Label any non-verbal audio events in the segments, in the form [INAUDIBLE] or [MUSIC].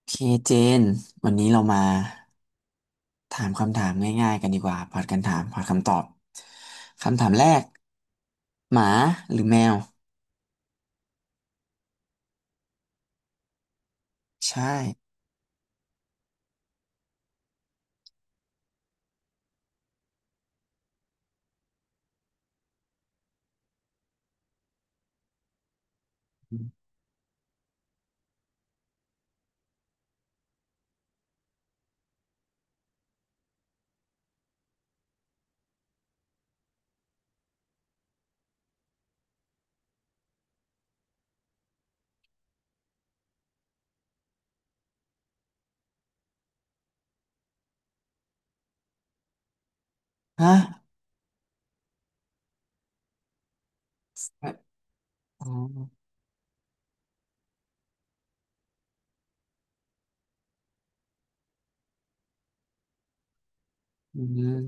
โอเคเจนวันนี้เรามาถามคำถามง่ายๆกันดีกว่าผัดกันถามผัดคำตอบคำถามแรกหมาหรือแมวใช่ฮะอ๋ออืม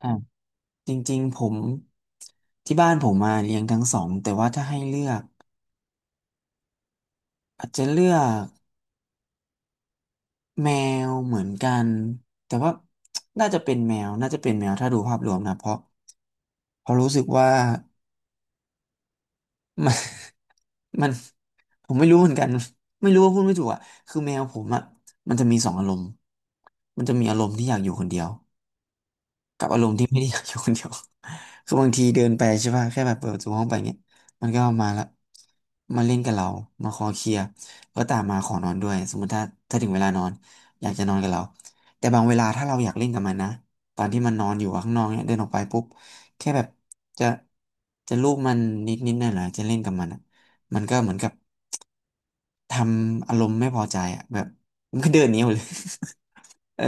อ่ะจริงๆผมที่บ้านผมมาเลี้ยงทั้งสองแต่ว่าถ้าให้เลือกอาจจะเลือกแมวเหมือนกันแต่ว่าน่าจะเป็นแมวน่าจะเป็นแมวถ้าดูภาพรวมนะเพราะรู้สึกว่า มัน [LAUGHS] มันผมไม่รู้เหมือนกันไม่รู้ว่าพูดไม่ถูกอ่ะคือแมวผมอ่ะมันจะมีสองอารมณ์มันจะมีอารมณ์ที่อยากอยู่คนเดียว กับอารมณ์ที่ไม่ได้ [LAUGHS] อยากอยู่คนเดียว [LAUGHS] คือบางทีเดินไปใช่ป่ะแค่แบบเปิดประตูห้องไปเงี้ยมันก็มาละมาเล่นกับเรามาคอเคลียร์ก็ตามมาขอนอนด้วยสมมติถ้าถึงเวลานอนอยากจะนอนกับเราแต่บางเวลาถ้าเราอยากเล่นกับมันนะตอนที่มันนอนอยู่ข้างนอกเนี่ยเดินออกไปปุ๊บแค่แบบจะจะลูบมันนิดนิดหน่อยหน่อยๆจะเล่นกับมันอะมันก็เหมือนกับทำอารมณ์ไม่พอใจอ่ะแบบมันก็เดินหนีออกเลย เออ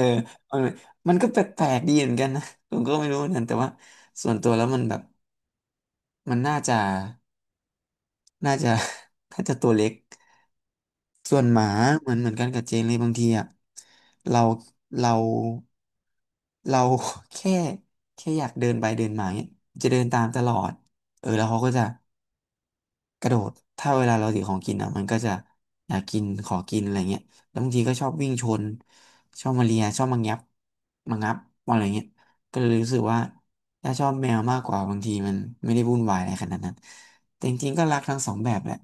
มันมันก็แปลกๆดีเหมือนกันนะผมก็ไม่รู้เหมือนกันแต่ว่าส่วนตัวแล้วมันแบบมันน่าจะ [LAUGHS] น่าจะตัวเล็กส่วนหมาเหมือนเหมือนกันกับเจนเลยบางทีอ่ะเราเราเรา [LAUGHS] แค่แค่อยากเดินไปเดินมาเนี่ยจะเดินตามตลอดเออแล้วเขาก็จะ กระโดด ถ้าเวลาเราถือของกินอ่ะมันก็จะอยากกิน ขอกินอะไรเงี้ยแล้วบางทีก็ชอบวิ่งชน ชอบมาเลียชอบมางับมางับอะไรเงี้ยก็เลยรู้สึกว่าถ้าชอบแมวมากกว่าบางทีมันไม่ได้วุ่นวายอะไรขนาดนั้นแต่จริงๆก็รักทั้งสองแบบแหละ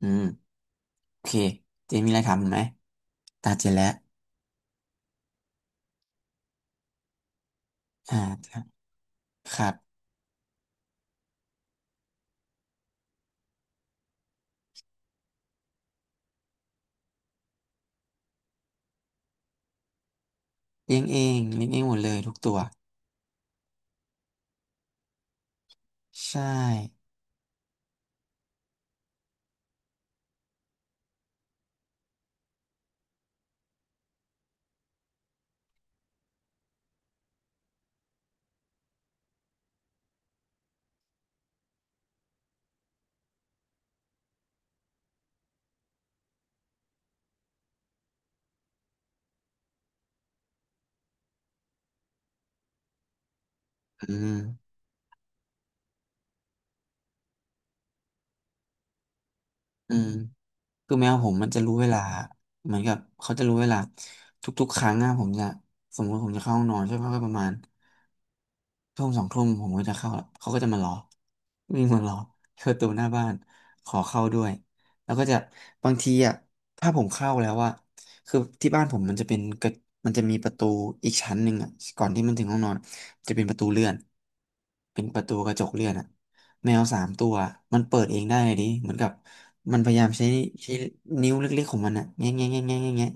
อืมโอเคเจมีอะไรทำไหมตาเจแล้วอ่าครับเลี้ยงเองเลี้ยงเองหมดเลยทุกตัวใช่อืมอืม คือแมวผมมันจะรู้เวลาเหมือนกับเขาจะรู้เวลาทุกๆครั้งอะผมจะสมมติผมจะเข้าห้องนอนใช่ไหมก็ประมาณ ทุ่มสองทุ่มผมก็จะเข้าละเขาก็จะมารอวิ่งมารอที่ประตูหน้าบ้านขอเข้าด้วยแล้วก็จะบางทีอ่ะถ้าผมเข้าแล้วว่าคือที่บ้านผมมันจะเป็นกระมันจะมีประตูอีกชั้นหนึ่งอ่ะก่อนที่มันถึงห้องนอนจะเป็นประตูเลื่อนเป็นประตูกระจกเลื่อนอ่ะแมวสามตัวมันเปิดเองได้ดิเหมือนกับมันพยายามใช้นิ้วเล็กๆของมันอ่ะแง่แง่แง่แง่แง่แง่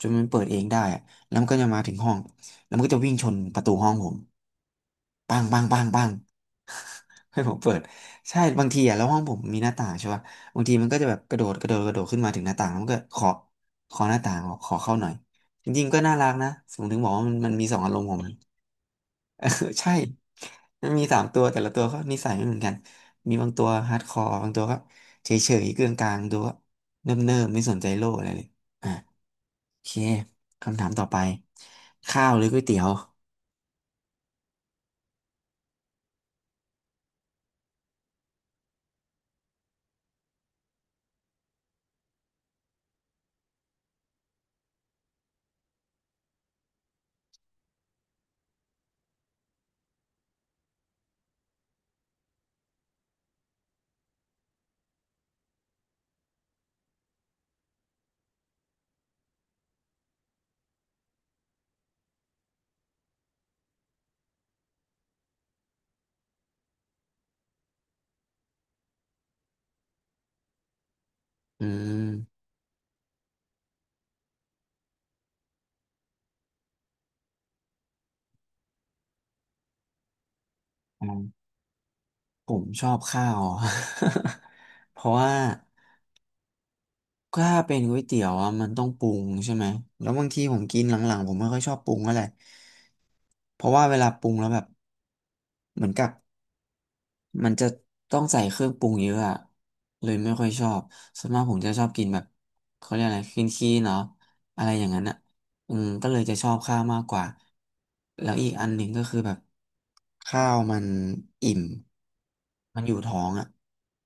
จนมันเปิดเองได้อะแล้วมันก็จะมาถึงห้องแล้วมันก็จะวิ่งชนประตูห้องผม ปังปังปังปัง [LAUGHS] ให้ผมเปิดใช่บางทีอะแล้วห้องผมมีหน้าต่างใช่ป่ะบางทีมันก็จะแบบกระโดดกระโดดกระโดดขึ้นมาถึงหน้าต่างแล้วมันก็ขอหน้าต่างบอกขอเข้าหน่อยจริงๆก็น่ารักนะผมถึงบอกว่ามันมันมีสองอารมณ์ของมัน [LAUGHS] เออใช่มันมีสามตัวแต่ละตัวก็นิสัยไม่เหมือนกันมีบางตัวฮาร์ดคอร์บางตัวก็เฉยเฉยเกลื่อนกลางบางตัวก็เนิบเนิบไม่สนใจโลกอะไรเลยอ่ะโอเคคำถามต่อไปข้าวหรือก๋วยเตี๋ยวอืม ผมชอบข้าว [LAUGHS] เพราะว่าถ้าเป็นก๋วยเตี๋ยวอะมันต้องปรุงใช่ไหมแล้วบางทีผมกินหลังๆผมไม่ค่อยชอบปรุงอะไรเพราะว่าเวลาปรุงแล้วแบบเหมือนกับ มันจะต้องใส่เครื่องปรุงเยอะอะเลยไม่ค่อยชอบส่วนมากผมจะชอบกินแบบเขาเรียกอะไรคลีนคีเนาะอะไรอย่างนั้นอ่ะอืมก็เลยจะชอบข้าวมากกว่าแล้วอีกอันหนึ่งก็คือแบบข้าวมันอิ่มมันอยู่ท้องอ่ะ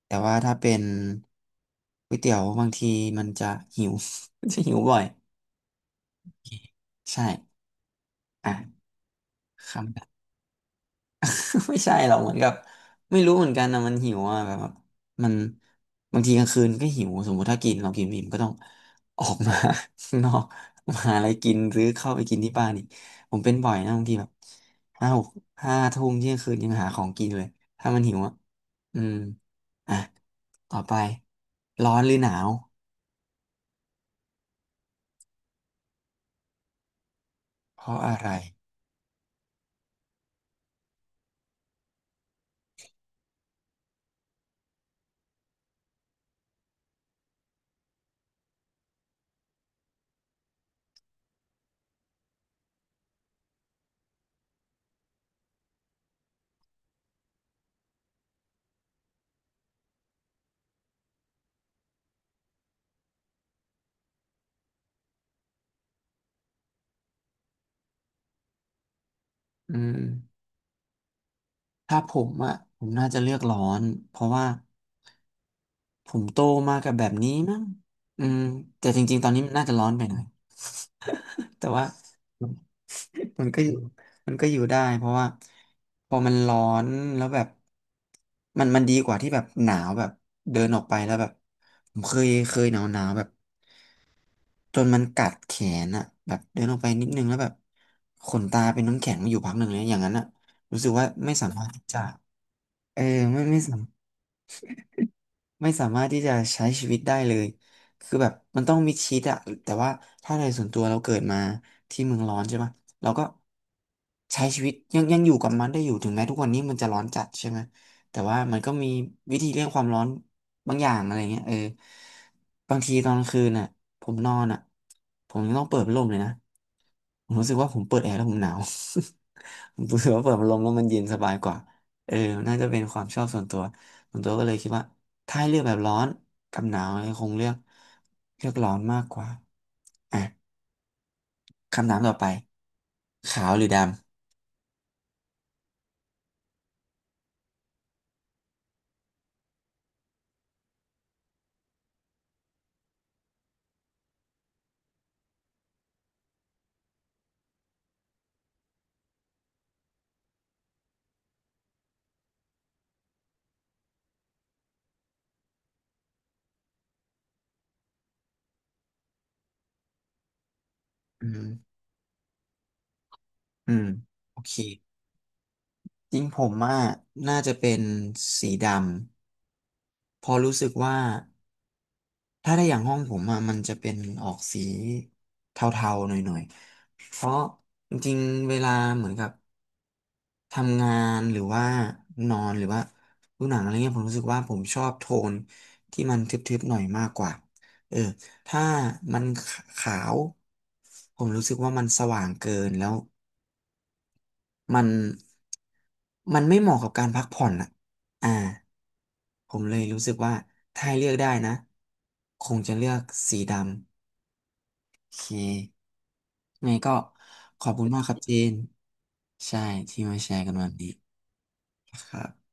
แต่ว่าถ้าเป็นก๋วยเตี๋ยวบางทีมันจะหิว [LAUGHS] จะหิวบ่อยใช่อ่ะคำ [LAUGHS] ไม่ใช่หรอกเหมือนกับไม่รู้เหมือนกันนะมันหิวอ่ะแบบว่มันบางทีกลางคืนก็หิวสมมุติถ้ากินเรากินไม่อิ่มก็ต้องออกมา [LAUGHS] ข้างนอกมาหาอะไรกินหรือเข้าไปกินที่บ้านอีกผมเป็นบ่อยนะบางทีแบบห้าหกห้าทุ่มเที่ยงคืนยังหาของกินเลยถ้ามันหิวอ่ะอืมอ่ะต่อไปร้อนหรือหนาวเพราะอะไรอืมถ้าผมอ่ะผมน่าจะเลือกร้อนเพราะว่า ผมโตมากับแบบนี้มั้งอืมแต่จริงๆตอนนี้มันน่าจะร้อนไปหน่อย [LAUGHS] แต่ว่ามันก็อยู่มันก็อยู่ได้เพราะว่าพอมันร้อนแล้วแบบมันดีกว่าที่แบบหนาวแบบเดินออกไปแล้วแบบผมเคยเคยหนาวแบบจนมันกัดแขนอะแบบเดินออกไปนิดนึงแล้วแบบขนตาเป็นน้ำแข็งมาอยู่พักหนึ่งเลยอย่างนั้นอะรู้สึกว่าไม่สามารถที่จะเออไม่ไม่สามารถ ไม่สามารถที่จะใช้ชีวิตได้เลยคือแบบมันต้องมิดชิดอะแต่ว่าถ้าในส่วนตัวเราเกิดมาที่เมืองร้อนใช่ไหมเราก็ใช้ชีวิตยังอยู่กับมันได้อยู่ถึงแม้ทุกวันนี้มันจะร้อนจัดใช่ไหมแต่ว่ามันก็มีวิธีเลี่ยงความร้อนบางอย่างอะไรเงี้ยเออบางทีตอนกลางคืนน่ะผมนอนอ่ะผมยังต้องเปิดพัดลมเลยนะผมรู้สึกว่าผมเปิดแอร์แล้วผมหนาว [LAUGHS] ผมรู้สึกว่าเปิดพัดลมแล้วมันเย็นสบายกว่าเออน่าจะเป็นความชอบส่วนตัว ส่วนตัวก็เลยคิดว่าถ้าให้เลือกแบบร้อนกับหนาวเนี่ยคงเลือกร้อนมากกว่าอ่ะคำถามต่อไปขาวหรือดำอืมอืมโอเคจริงผมอ่ะน่าจะเป็นสีดำเพอรู้สึกว่าถ้าได้อย่างห้องผมอ่ะมันจะเป็นออกสีเทาๆหน่อยๆเพราะจริงๆเวลาเหมือนกับ ทำงานหรือว่านอนหรือว่าดูหนังอะไรเงี้ยผมรู้สึกว่าผมชอบโทนที่มันทึบๆหน่อยมากกว่าเออถ้ามันขาวผมรู้สึกว่ามันสว่างเกินแล้วมันมันไม่เหมาะกับการพักผ่อนอ่ะอ่าผมเลยรู้สึกว่าถ้าให้เลือกได้นะคงจะเลือกสีดำโอเคไงก็ขอบคุณมากครับเจนใช่ที่มาแชร์กันวันนี้ครับ